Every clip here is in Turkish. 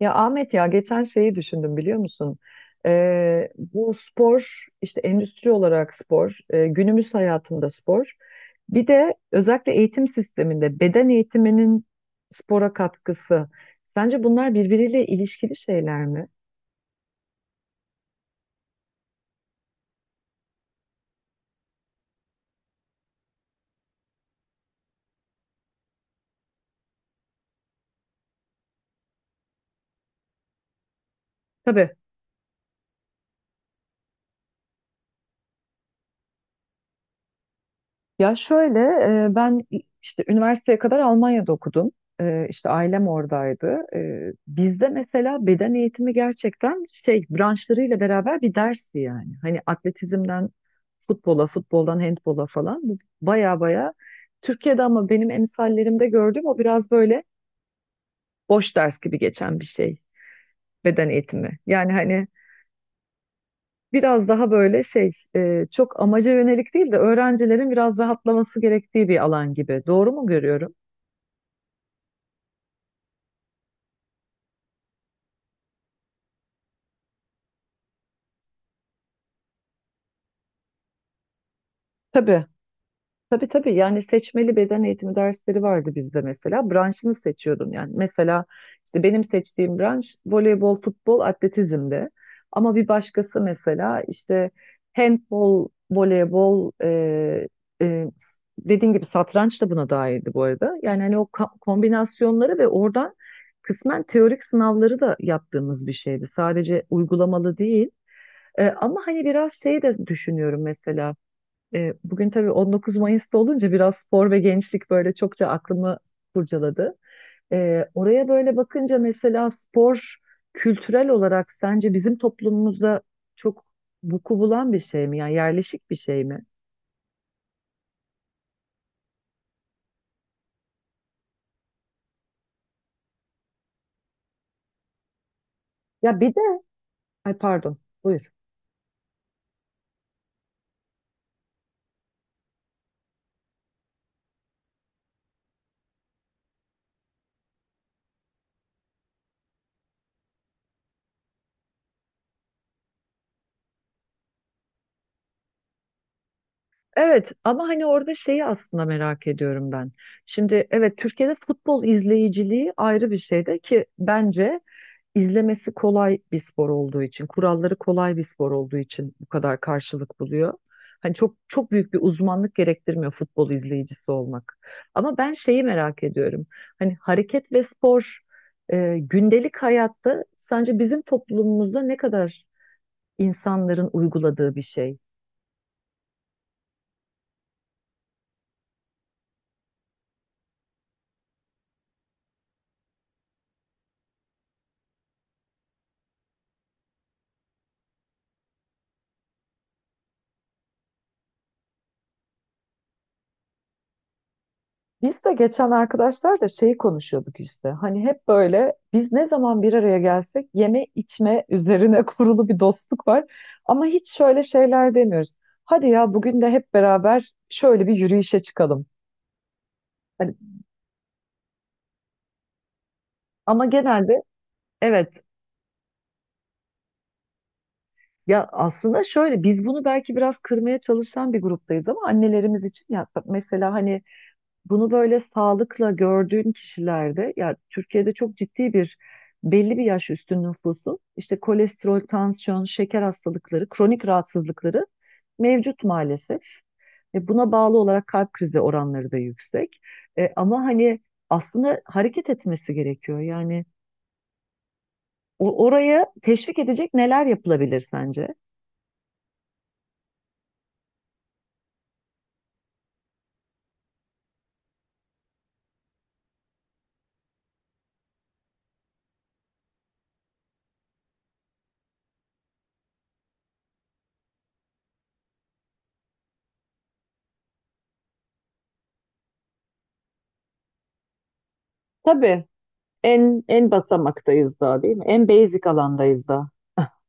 Ya Ahmet ya geçen şeyi düşündüm biliyor musun? Bu spor işte endüstri olarak spor, günümüz hayatında spor. Bir de özellikle eğitim sisteminde beden eğitiminin spora katkısı. Sence bunlar birbiriyle ilişkili şeyler mi? Tabii. Ya şöyle, ben işte üniversiteye kadar Almanya'da okudum. E, işte ailem oradaydı. E, bizde mesela beden eğitimi gerçekten şey branşlarıyla beraber bir dersti yani. Hani atletizmden futbola, futboldan handbola falan bu baya baya Türkiye'de, ama benim emsallerimde gördüğüm o biraz böyle boş ders gibi geçen bir şey beden eğitimi. Yani hani biraz daha böyle şey, çok amaca yönelik değil de öğrencilerin biraz rahatlaması gerektiği bir alan gibi. Doğru mu görüyorum? Tabii. Tabii tabii, yani seçmeli beden eğitimi dersleri vardı bizde mesela. Branşını seçiyordun yani. Mesela işte benim seçtiğim branş voleybol, futbol, atletizmdi. Ama bir başkası mesela işte handbol, voleybol, e, dediğin gibi satranç da buna dahildi bu arada. Yani hani o kombinasyonları ve oradan kısmen teorik sınavları da yaptığımız bir şeydi. Sadece uygulamalı değil. E, ama hani biraz şey de düşünüyorum mesela. E, bugün tabii 19 Mayıs'ta olunca biraz spor ve gençlik böyle çokça aklımı kurcaladı. E, oraya böyle bakınca mesela spor, kültürel olarak sence bizim toplumumuzda çok vuku bulan bir şey mi? Yani yerleşik bir şey mi? Ya bir de, ay pardon, buyur. Evet, ama hani orada şeyi aslında merak ediyorum ben. Şimdi evet, Türkiye'de futbol izleyiciliği ayrı bir şeyde, ki bence izlemesi kolay bir spor olduğu için, kuralları kolay bir spor olduğu için bu kadar karşılık buluyor. Hani çok çok büyük bir uzmanlık gerektirmiyor futbol izleyicisi olmak. Ama ben şeyi merak ediyorum. Hani hareket ve spor, gündelik hayatta sence bizim toplumumuzda ne kadar insanların uyguladığı bir şey? Biz de geçen arkadaşlarla şeyi konuşuyorduk işte. Hani hep böyle biz ne zaman bir araya gelsek yeme içme üzerine kurulu bir dostluk var. Ama hiç şöyle şeyler demiyoruz. Hadi ya bugün de hep beraber şöyle bir yürüyüşe çıkalım. Hani, ama genelde, evet, ya aslında şöyle biz bunu belki biraz kırmaya çalışan bir gruptayız, ama annelerimiz için ya mesela hani, bunu böyle sağlıkla gördüğün kişilerde ya Türkiye'de çok ciddi bir belli bir yaş üstü nüfusun işte kolesterol, tansiyon, şeker hastalıkları, kronik rahatsızlıkları mevcut maalesef. E, buna bağlı olarak kalp krizi oranları da yüksek. E, ama hani aslında hareket etmesi gerekiyor. Yani oraya teşvik edecek neler yapılabilir sence? Tabii, en en basamaktayız daha değil mi? En basic alandayız daha.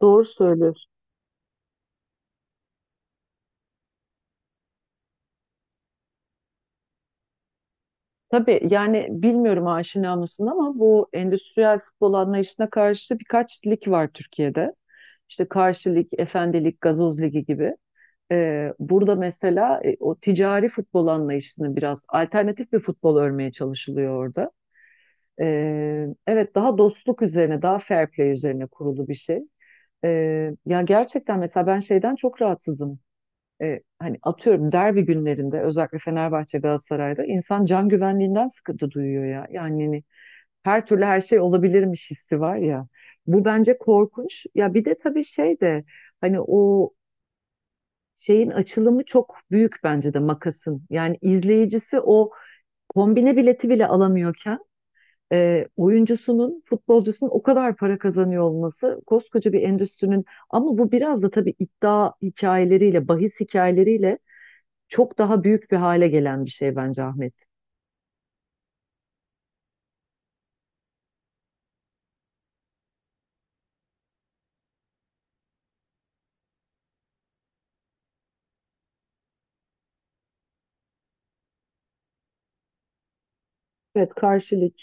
Doğru söylüyorsun. Tabii yani, bilmiyorum aşina mısın, ama bu endüstriyel futbol anlayışına karşı birkaç lig var Türkiye'de. İşte Karşı Lig, Efendi Lig, Gazoz Ligi gibi. Burada mesela e, o ticari futbol anlayışını biraz alternatif bir futbol örmeye çalışılıyor orada. Evet, daha dostluk üzerine, daha fair play üzerine kurulu bir şey. Ya gerçekten mesela ben şeyden çok rahatsızım. E, hani atıyorum, derbi günlerinde özellikle Fenerbahçe Galatasaray'da insan can güvenliğinden sıkıntı duyuyor ya. Yani hani her türlü her şey olabilirmiş hissi var ya. Bu bence korkunç. Ya bir de tabii şey de, hani o şeyin açılımı çok büyük bence de makasın. Yani izleyicisi o kombine bileti bile alamıyorken e, oyuncusunun, futbolcusunun o kadar para kazanıyor olması koskoca bir endüstrinin, ama bu biraz da tabii iddia hikayeleriyle, bahis hikayeleriyle çok daha büyük bir hale gelen bir şey bence Ahmet. Evet, karşılık.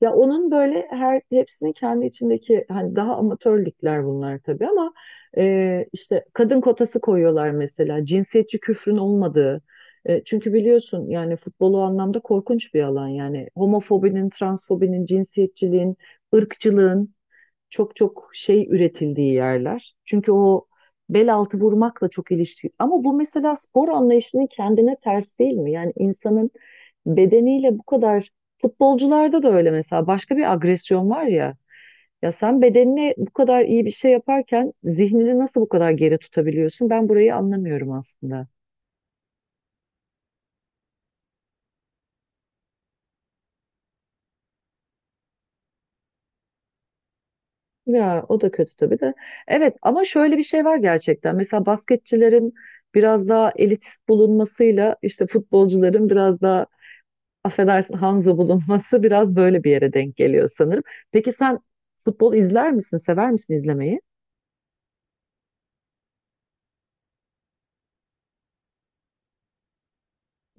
Ya onun böyle her hepsinin kendi içindeki hani daha amatör bunlar tabii, ama e, işte kadın kotası koyuyorlar mesela, cinsiyetçi küfrün olmadığı. E, çünkü biliyorsun yani futbol o anlamda korkunç bir alan yani. Homofobinin, transfobinin, cinsiyetçiliğin, ırkçılığın çok çok şey üretildiği yerler. Çünkü o bel altı vurmakla çok ilişkili. Ama bu mesela spor anlayışının kendine ters değil mi? Yani insanın bedeniyle bu kadar, futbolcularda da öyle mesela, başka bir agresyon var ya. Ya sen bedenine bu kadar iyi bir şey yaparken zihnini nasıl bu kadar geri tutabiliyorsun? Ben burayı anlamıyorum aslında. Ya o da kötü tabii de. Evet, ama şöyle bir şey var gerçekten. Mesela basketçilerin biraz daha elitist bulunmasıyla işte futbolcuların biraz daha, affedersin, Hanzo bulunması biraz böyle bir yere denk geliyor sanırım. Peki sen futbol izler misin? Sever misin izlemeyi?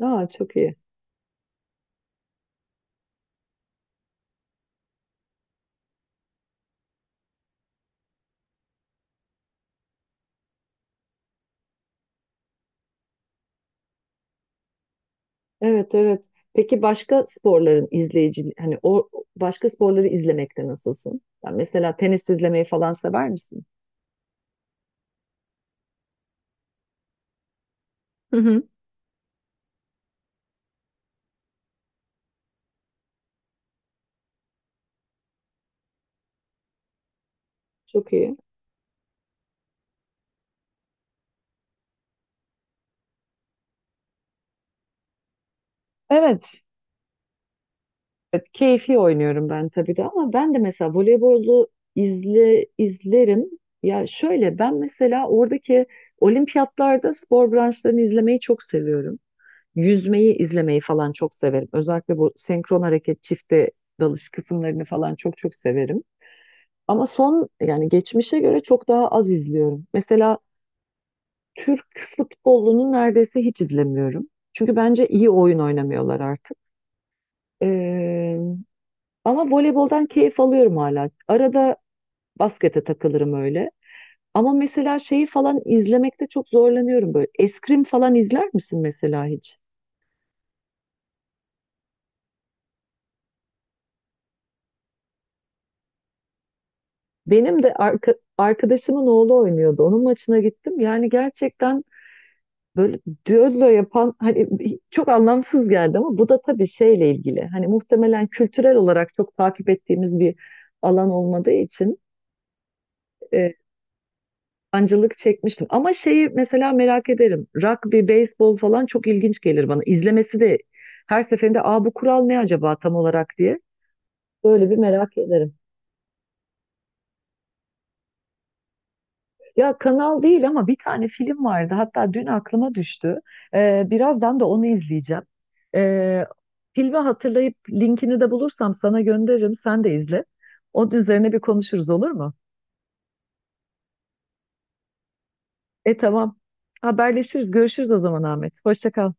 Aa, çok iyi. Evet, evet. Peki başka sporların izleyici, hani o başka sporları izlemekte nasılsın? Yani mesela tenis izlemeyi falan sever misin? Hı hı. Çok iyi. Evet. Evet, keyfi oynuyorum ben tabii de, ama ben de mesela voleybolu izlerim. Ya şöyle ben mesela oradaki olimpiyatlarda spor branşlarını izlemeyi çok seviyorum. Yüzmeyi izlemeyi falan çok severim. Özellikle bu senkron hareket, çifte dalış kısımlarını falan çok çok severim. Ama son yani geçmişe göre çok daha az izliyorum. Mesela Türk futbolunu neredeyse hiç izlemiyorum. Çünkü bence iyi oyun oynamıyorlar artık. Ee, ama voleyboldan keyif alıyorum hala. Arada baskete takılırım öyle. Ama mesela şeyi falan izlemekte çok zorlanıyorum böyle. Eskrim falan izler misin mesela hiç? Benim de arkadaşımın oğlu oynuyordu. Onun maçına gittim. Yani gerçekten böyle düello yapan hani, çok anlamsız geldi, ama bu da tabii şeyle ilgili. Hani muhtemelen kültürel olarak çok takip ettiğimiz bir alan olmadığı için e, sancılık çekmiştim. Ama şeyi mesela merak ederim. Rugby, beyzbol falan çok ilginç gelir bana. İzlemesi de her seferinde, aa, bu kural ne acaba tam olarak diye böyle bir merak ederim. Ya kanal değil ama bir tane film vardı. Hatta dün aklıma düştü. Birazdan da onu izleyeceğim. Ee, filmi hatırlayıp linkini de bulursam sana gönderirim. Sen de izle. Onun üzerine bir konuşuruz, olur mu? E tamam. Haberleşiriz. Görüşürüz o zaman Ahmet. Hoşça kal.